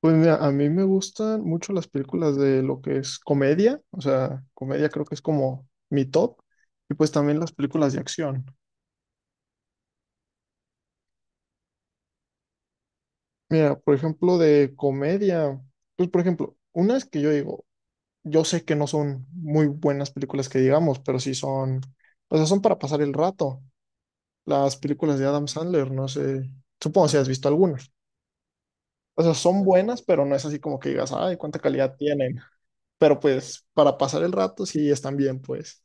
Pues mira, a mí me gustan mucho las películas de lo que es comedia, o sea, comedia creo que es como mi top, y pues también las películas de acción. Mira, por ejemplo, de comedia, pues por ejemplo, unas que yo digo, yo sé que no son muy buenas películas que digamos, pero sí son, o sea, son para pasar el rato. Las películas de Adam Sandler, no sé, supongo si has visto algunas. O sea, son buenas, pero no es así como que digas, ay, cuánta calidad tienen. Pero pues para pasar el rato sí están bien, pues.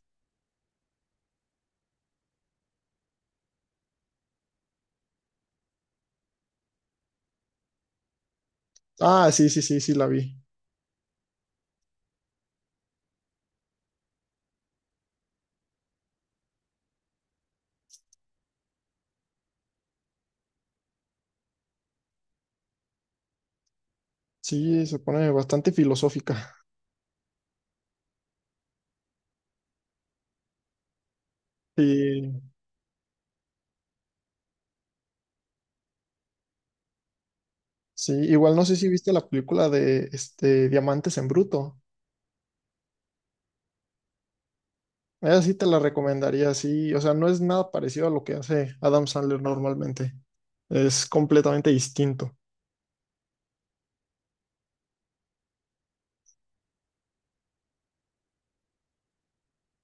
Ah, sí, sí, sí, sí, la vi. Sí, se pone bastante filosófica. Sí, sí, igual no sé si viste la película de este, Diamantes en Bruto. Esa sí te la recomendaría, sí. O sea, no es nada parecido a lo que hace Adam Sandler normalmente. Es completamente distinto.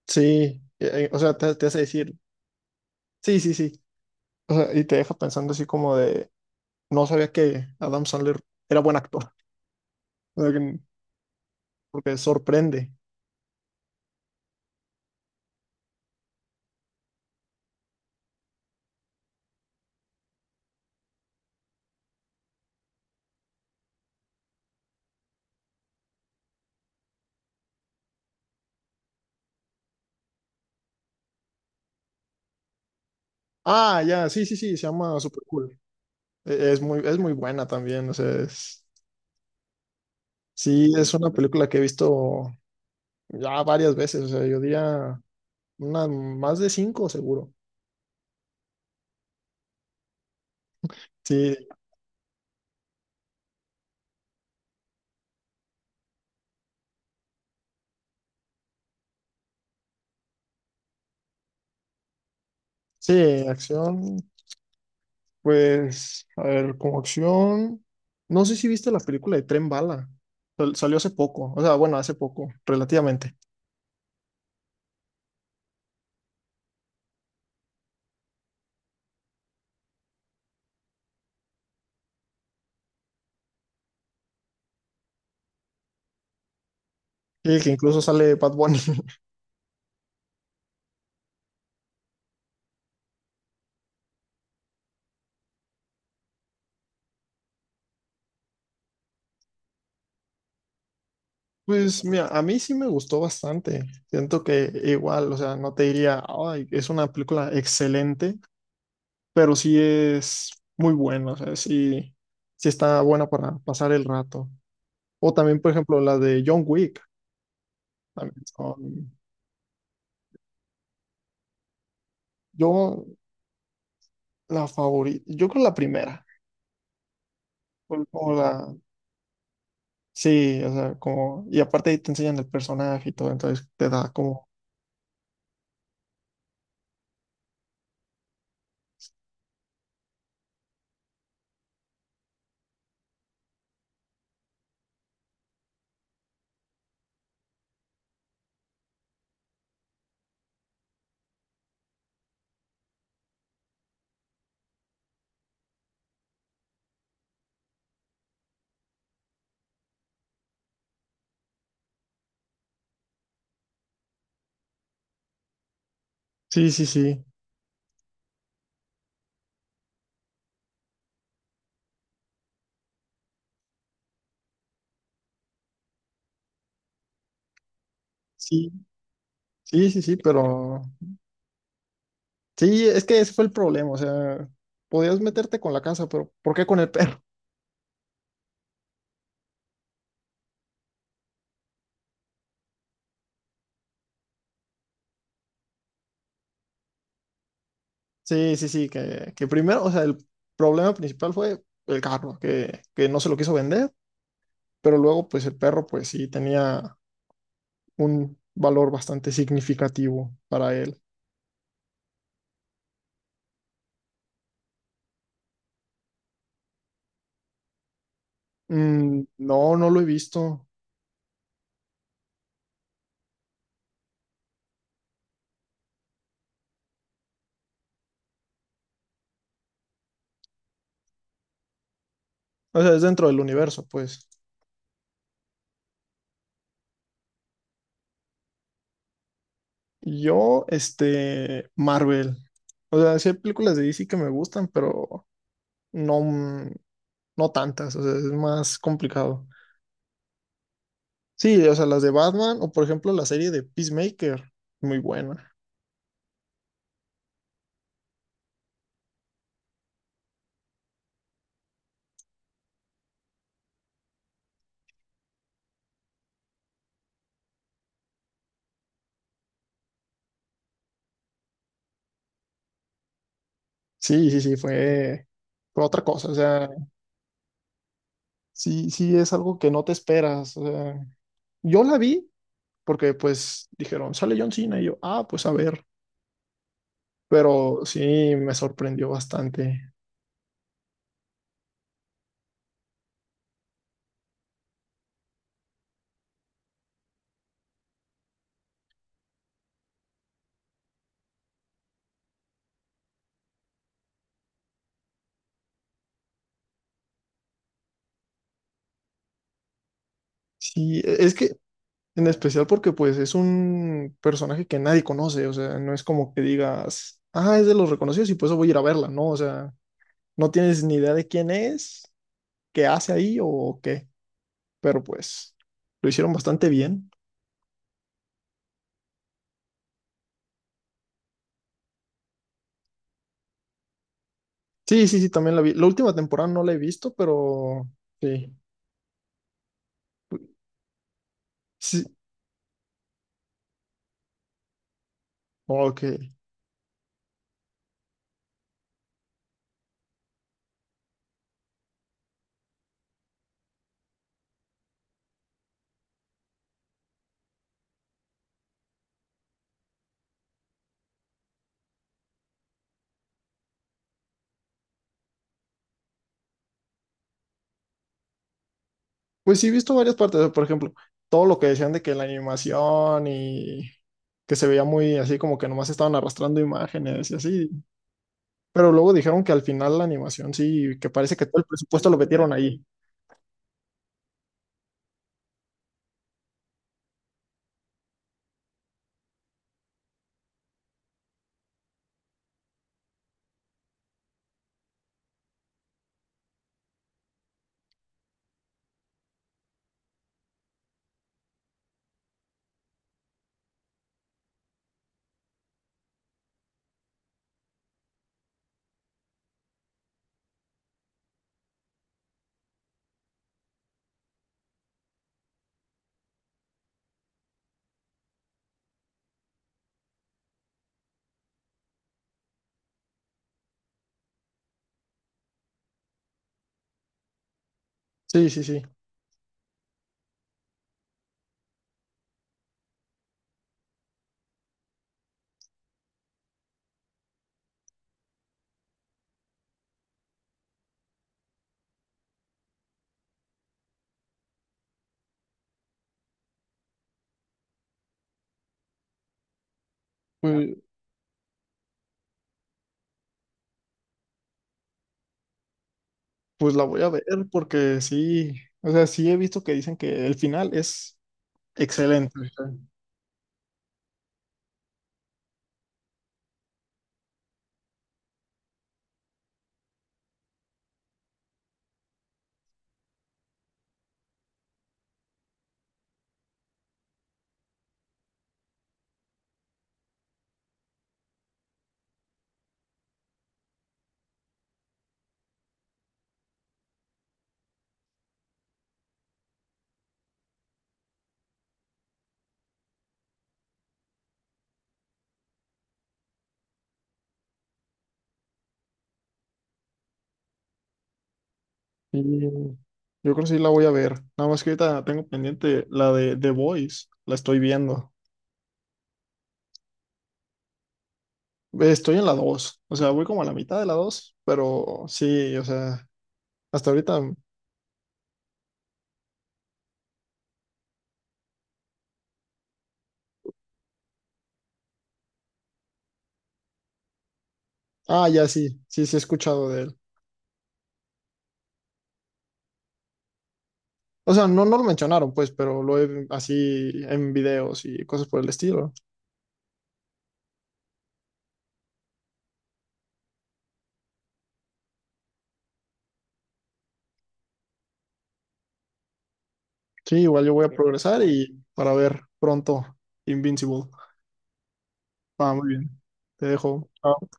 Sí, o sea, te hace decir, sí, sí, sí. O sea, y te deja pensando así como de, no sabía que Adam Sandler era buen actor. O sea, porque sorprende. Ah, ya, sí, sí, sí, se llama Super Cool. Es muy buena también, o sea, sí, es una película que he visto ya varias veces, o sea, yo diría una, más de cinco seguro. Sí, sí, acción, pues, a ver, como acción, no sé si viste la película de Tren Bala, salió hace poco, o sea, bueno, hace poco, relativamente, y que incluso sale Bad Bunny. Pues mira, a mí sí me gustó bastante. Siento que igual, o sea, no te diría, ay, es una película excelente, pero sí es muy buena, o sea, sí, sí está buena para pasar el rato. O también, por ejemplo, la de John Wick, también son, yo la favorita, yo creo la primera, fue como la, sí, o sea, como, y aparte ahí te enseñan el personaje y todo, entonces te da como, sí, sí, sí, sí, sí, sí, sí, pero, sí, es que ese fue el problema, o sea, podías meterte con la casa, pero ¿por qué con el perro? Sí, sí, sí, que primero, o sea, el problema principal fue el carro, que no se lo quiso vender, pero luego, pues el perro, pues sí, tenía un valor bastante significativo para él. Mm, no, no lo he visto. O sea, es dentro del universo, pues. Yo, este, Marvel. O sea, sí hay películas de DC que me gustan, pero no, no tantas, o sea, es más complicado. Sí, o sea, las de Batman o por ejemplo la serie de Peacemaker, muy buena. Sí, sí, sí, fue otra cosa, o sea, sí, sí es algo que no te esperas, o sea, yo la vi porque pues dijeron, sale John Cena y yo, ah, pues a ver, pero sí me sorprendió bastante. Sí, es que en especial porque pues es un personaje que nadie conoce, o sea, no es como que digas, ah, es de los reconocidos y por eso voy a ir a verla, no, o sea, no tienes ni idea de quién es, qué hace ahí o qué, pero pues lo hicieron bastante bien. Sí, sí, sí, también la vi. La última temporada no la he visto, pero sí. Sí, ok. Pues sí, he visto varias partes. Por ejemplo, todo lo que decían de que la animación y que se veía muy así como que nomás estaban arrastrando imágenes y así. Pero luego dijeron que al final la animación sí, que parece que todo el presupuesto lo metieron ahí. Sí, sí, sí. Pues, pues la voy a ver porque sí. O sea, sí he visto que dicen que el final es excelente. Sí, yo creo que sí la voy a ver. Nada más que ahorita tengo pendiente la de The Voice, la estoy viendo. Estoy en la dos, o sea, voy como a la mitad de la dos, pero sí, o sea, hasta ahorita. Ah, ya sí, sí, sí he escuchado de él. O sea, no, no lo mencionaron, pues, pero lo he así en videos y cosas por el estilo. Sí, igual yo voy a, sí, progresar y para ver pronto Invincible. Ah, muy bien. Te dejo. Chao.